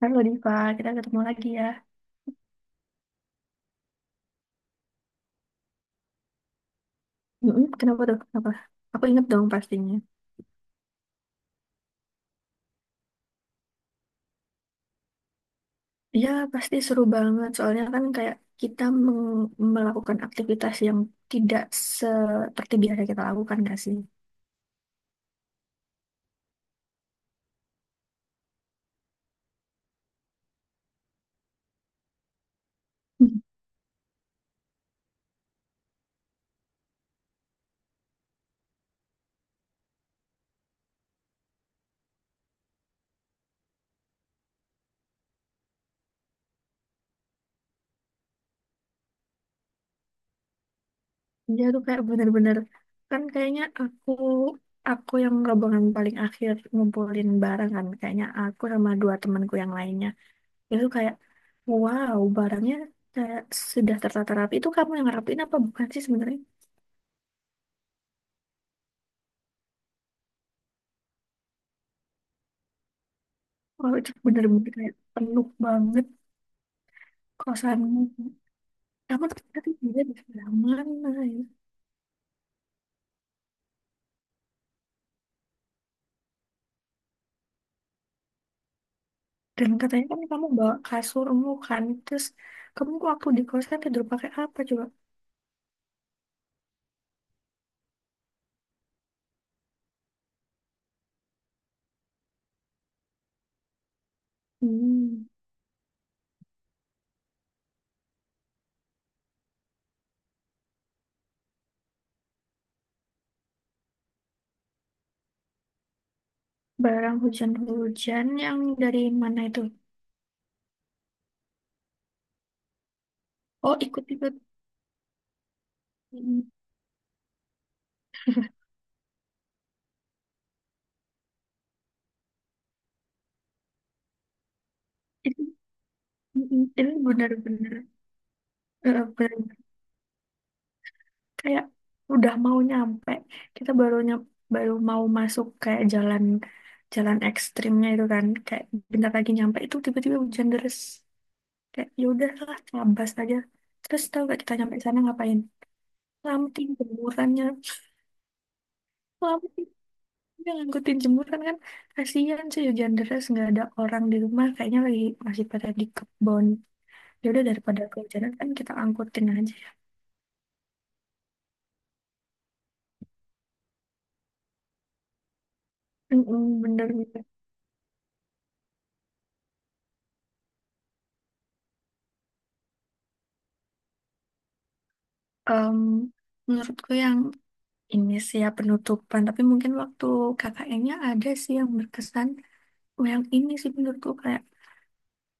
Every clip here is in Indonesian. Halo Diva, kita ketemu lagi ya. Mm-mm. Kenapa tuh? Kenapa? Aku inget dong pastinya. Ya, pasti seru banget. Soalnya kan kayak kita melakukan aktivitas yang tidak seperti biasa kita lakukan gak sih? Hmm. Iya tuh kayak bener-bener. Kan kayaknya aku yang rombongan paling akhir ngumpulin barang kan. Kayaknya aku sama dua temanku yang lainnya. Itu kayak, wow, barangnya kayak sudah tertata rapi. Itu kamu yang rapiin apa bukan sih sebenarnya? Wah, itu bener-bener kayak penuh banget kosanmu. Kamu ternyata juga di sebelah mana ya? Dan katanya kan kamu bawa kasurmu kan. Terus kamu waktu di kosan tidur pakai apa coba? Hmm, barang hujan-hujan yang dari mana itu? Oh, ikut-ikut. Hmm. Itu, itu bener-bener bener-bener kayak udah mau nyampe, kita baru baru mau masuk kayak jalan jalan ekstrimnya itu kan kayak bentar lagi nyampe itu tiba-tiba hujan deras kayak ya udahlah ngabas aja. Terus tahu gak kita nyampe sana ngapain? Lamting jemurannya, lamting, dia ngangkutin jemuran kan, kasihan sih hujan deras nggak ada orang di rumah, kayaknya lagi masih pada di kebon. Ya udah daripada kehujanan kan kita angkutin aja. Mm-mm, bener-bener. Em, Menurutku yang ini sih ya penutupan, tapi mungkin waktu KKN-nya ada sih yang berkesan. Oh, yang ini sih menurutku kayak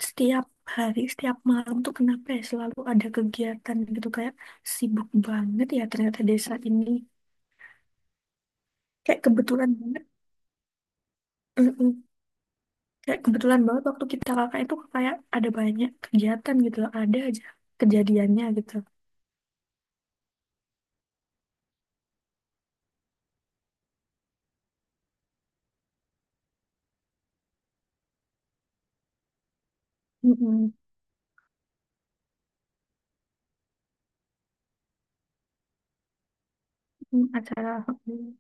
setiap hari, setiap malam tuh kenapa ya selalu ada kegiatan gitu. Kayak sibuk banget ya ternyata desa ini. Kayak kebetulan banget, mm-mm. Kayak kebetulan banget waktu kita KKN tuh kayak ada banyak kegiatan gitu loh. Ada aja kejadiannya gitu. Mm-mm. Mm, acara, mm.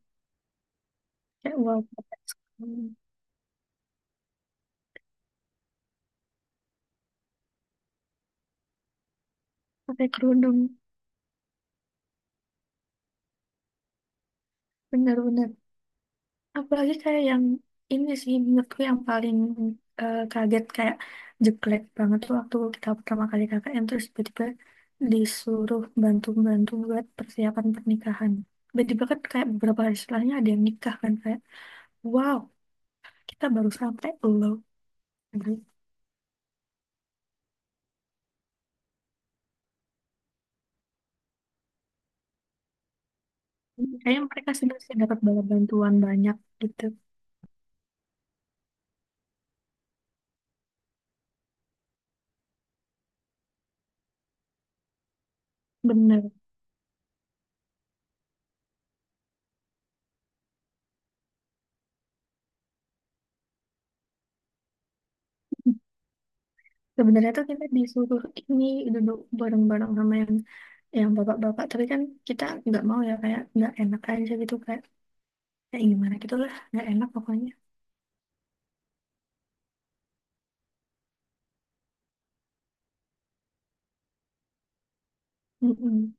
Kayak wow, pakai kerudung, bener-bener. Apalagi kayak yang ini sih menurutku yang paling kaget, kayak jelek banget tuh waktu kita pertama kali KKN terus tiba-tiba disuruh bantu-bantu buat persiapan pernikahan. Tiba-tiba kan kayak beberapa hari setelahnya ada yang nikah kan kayak wow, kita baru sampai loh. Gitu. Kayaknya mereka sudah sih dapat banyak bantuan banyak gitu. Bener. Sebenarnya tuh kita disuruh ini duduk bareng-bareng sama yang bapak-bapak tapi kan kita nggak mau ya kayak nggak enak aja gitu kan. Kayak gimana gitu lah nggak enak pokoknya. Mm.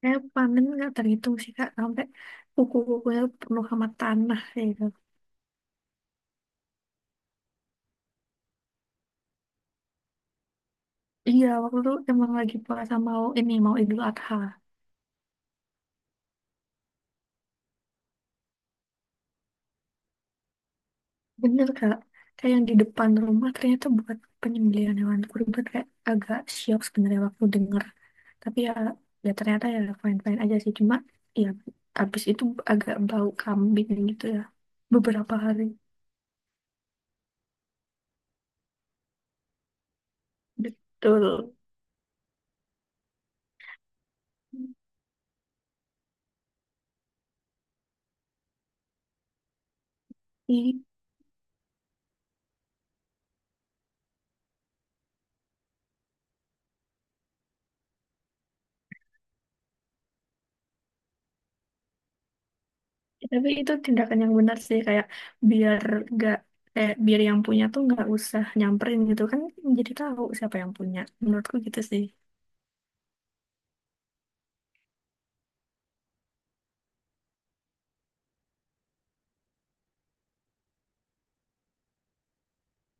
Kayak panen nggak terhitung sih kak, sampai kuku-kukunya penuh sama tanah kayak gitu. Iya waktu itu emang lagi puasa, mau ini mau Idul Adha. Bener kak, kayak yang di depan rumah ternyata buat penyembelihan hewan kurban, kayak agak syok sebenarnya waktu denger. Tapi ya, ya ternyata ya fine fine aja sih, cuma ya abis itu agak bau kambing gitu ya beberapa hari. Betul. Ya, tapi itu tindakan yang benar sih, kayak biar gak kayak biar yang punya tuh nggak usah nyamperin gitu kan, jadi tahu siapa yang punya. Menurutku gitu sih.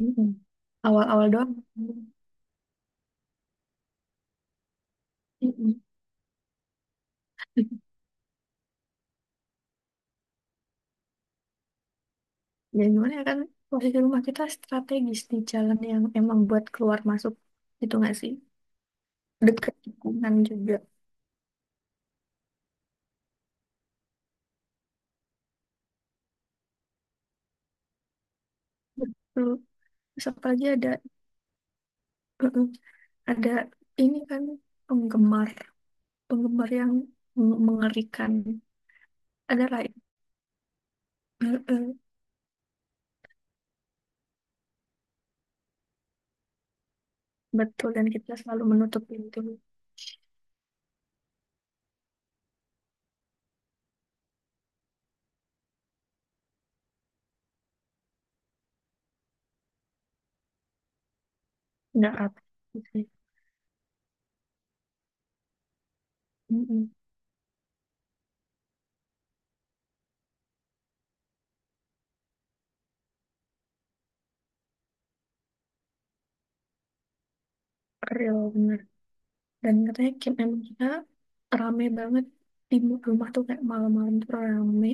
Mm-mm. Awal-awal doang. Mm-mm. Ya gimana ya kan posisi rumah kita strategis di jalan yang emang buat keluar masuk gitu nggak sih? Dekat tikungan juga. Betul. Terus apalagi ada, mm-mm, ada ini kan penggemar penggemar yang mengerikan. Ada lah. Betul, dan kita selalu menutup pintu. Nggak apa gitu ya. Mm-mm. Real, bener. Dan katanya camp emang kita rame banget. Di rumah tuh kayak malam-malam tuh rame.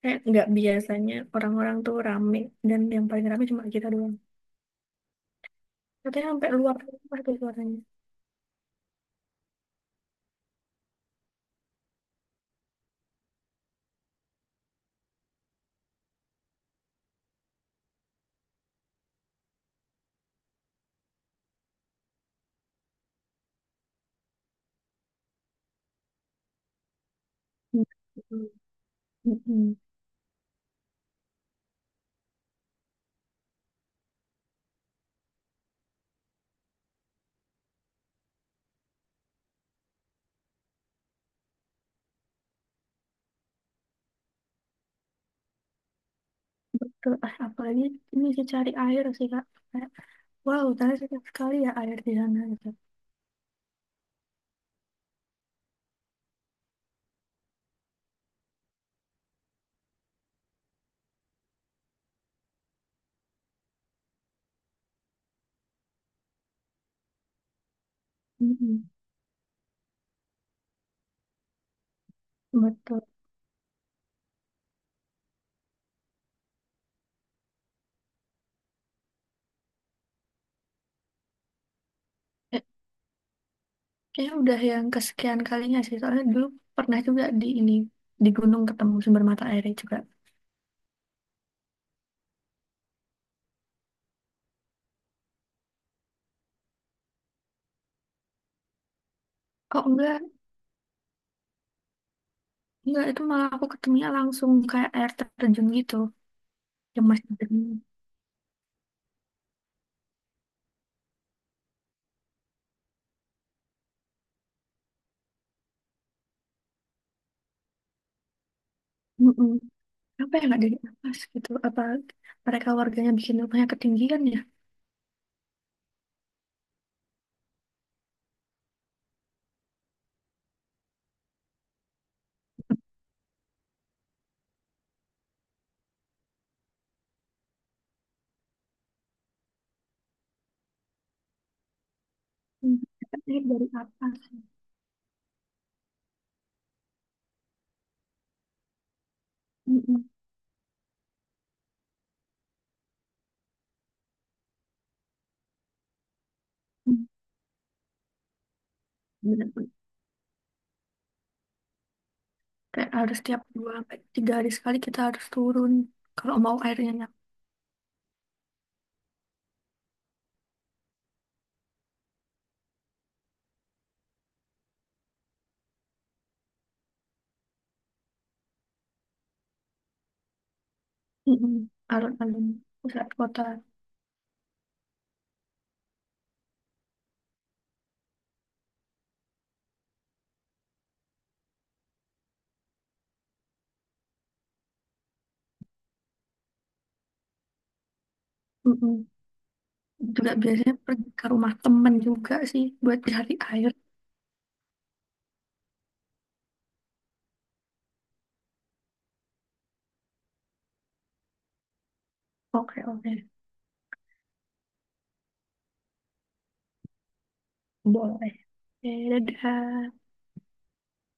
Kayak nggak biasanya orang-orang tuh rame. Dan yang paling rame cuma kita doang. Katanya sampai luar rumah tuh suaranya. Mm-mm. Mm-mm. Betul. Ah, apalagi ini sih cari air sih, Kak. Kayak, wow, ternyata sekali ya air di sana. Gitu. Mm-mm. Betul. Kayaknya udah yang kesekian kalinya sih. Soalnya dulu pernah juga di ini, di gunung ketemu sumber mata airnya juga. Oh enggak itu malah aku ketemunya langsung kayak air terjun gitu yang masih jernih. Mm-mm. Apa ya nggak dari atas gitu? Apa mereka warganya bikin rumahnya ketinggian ya? Hmm, ini dari atas. Mm-mm. Mm. Bener-bener. Kayak harus tiap 2 sampai 3 hari sekali kita harus turun kalau mau airnya nyampe. Mm-mm. Alun-alun pusat kota. Mm-mm. Juga biasanya pergi ke rumah temen juga sih buat cari air. Oke, oke. Boleh. Oke, dadah.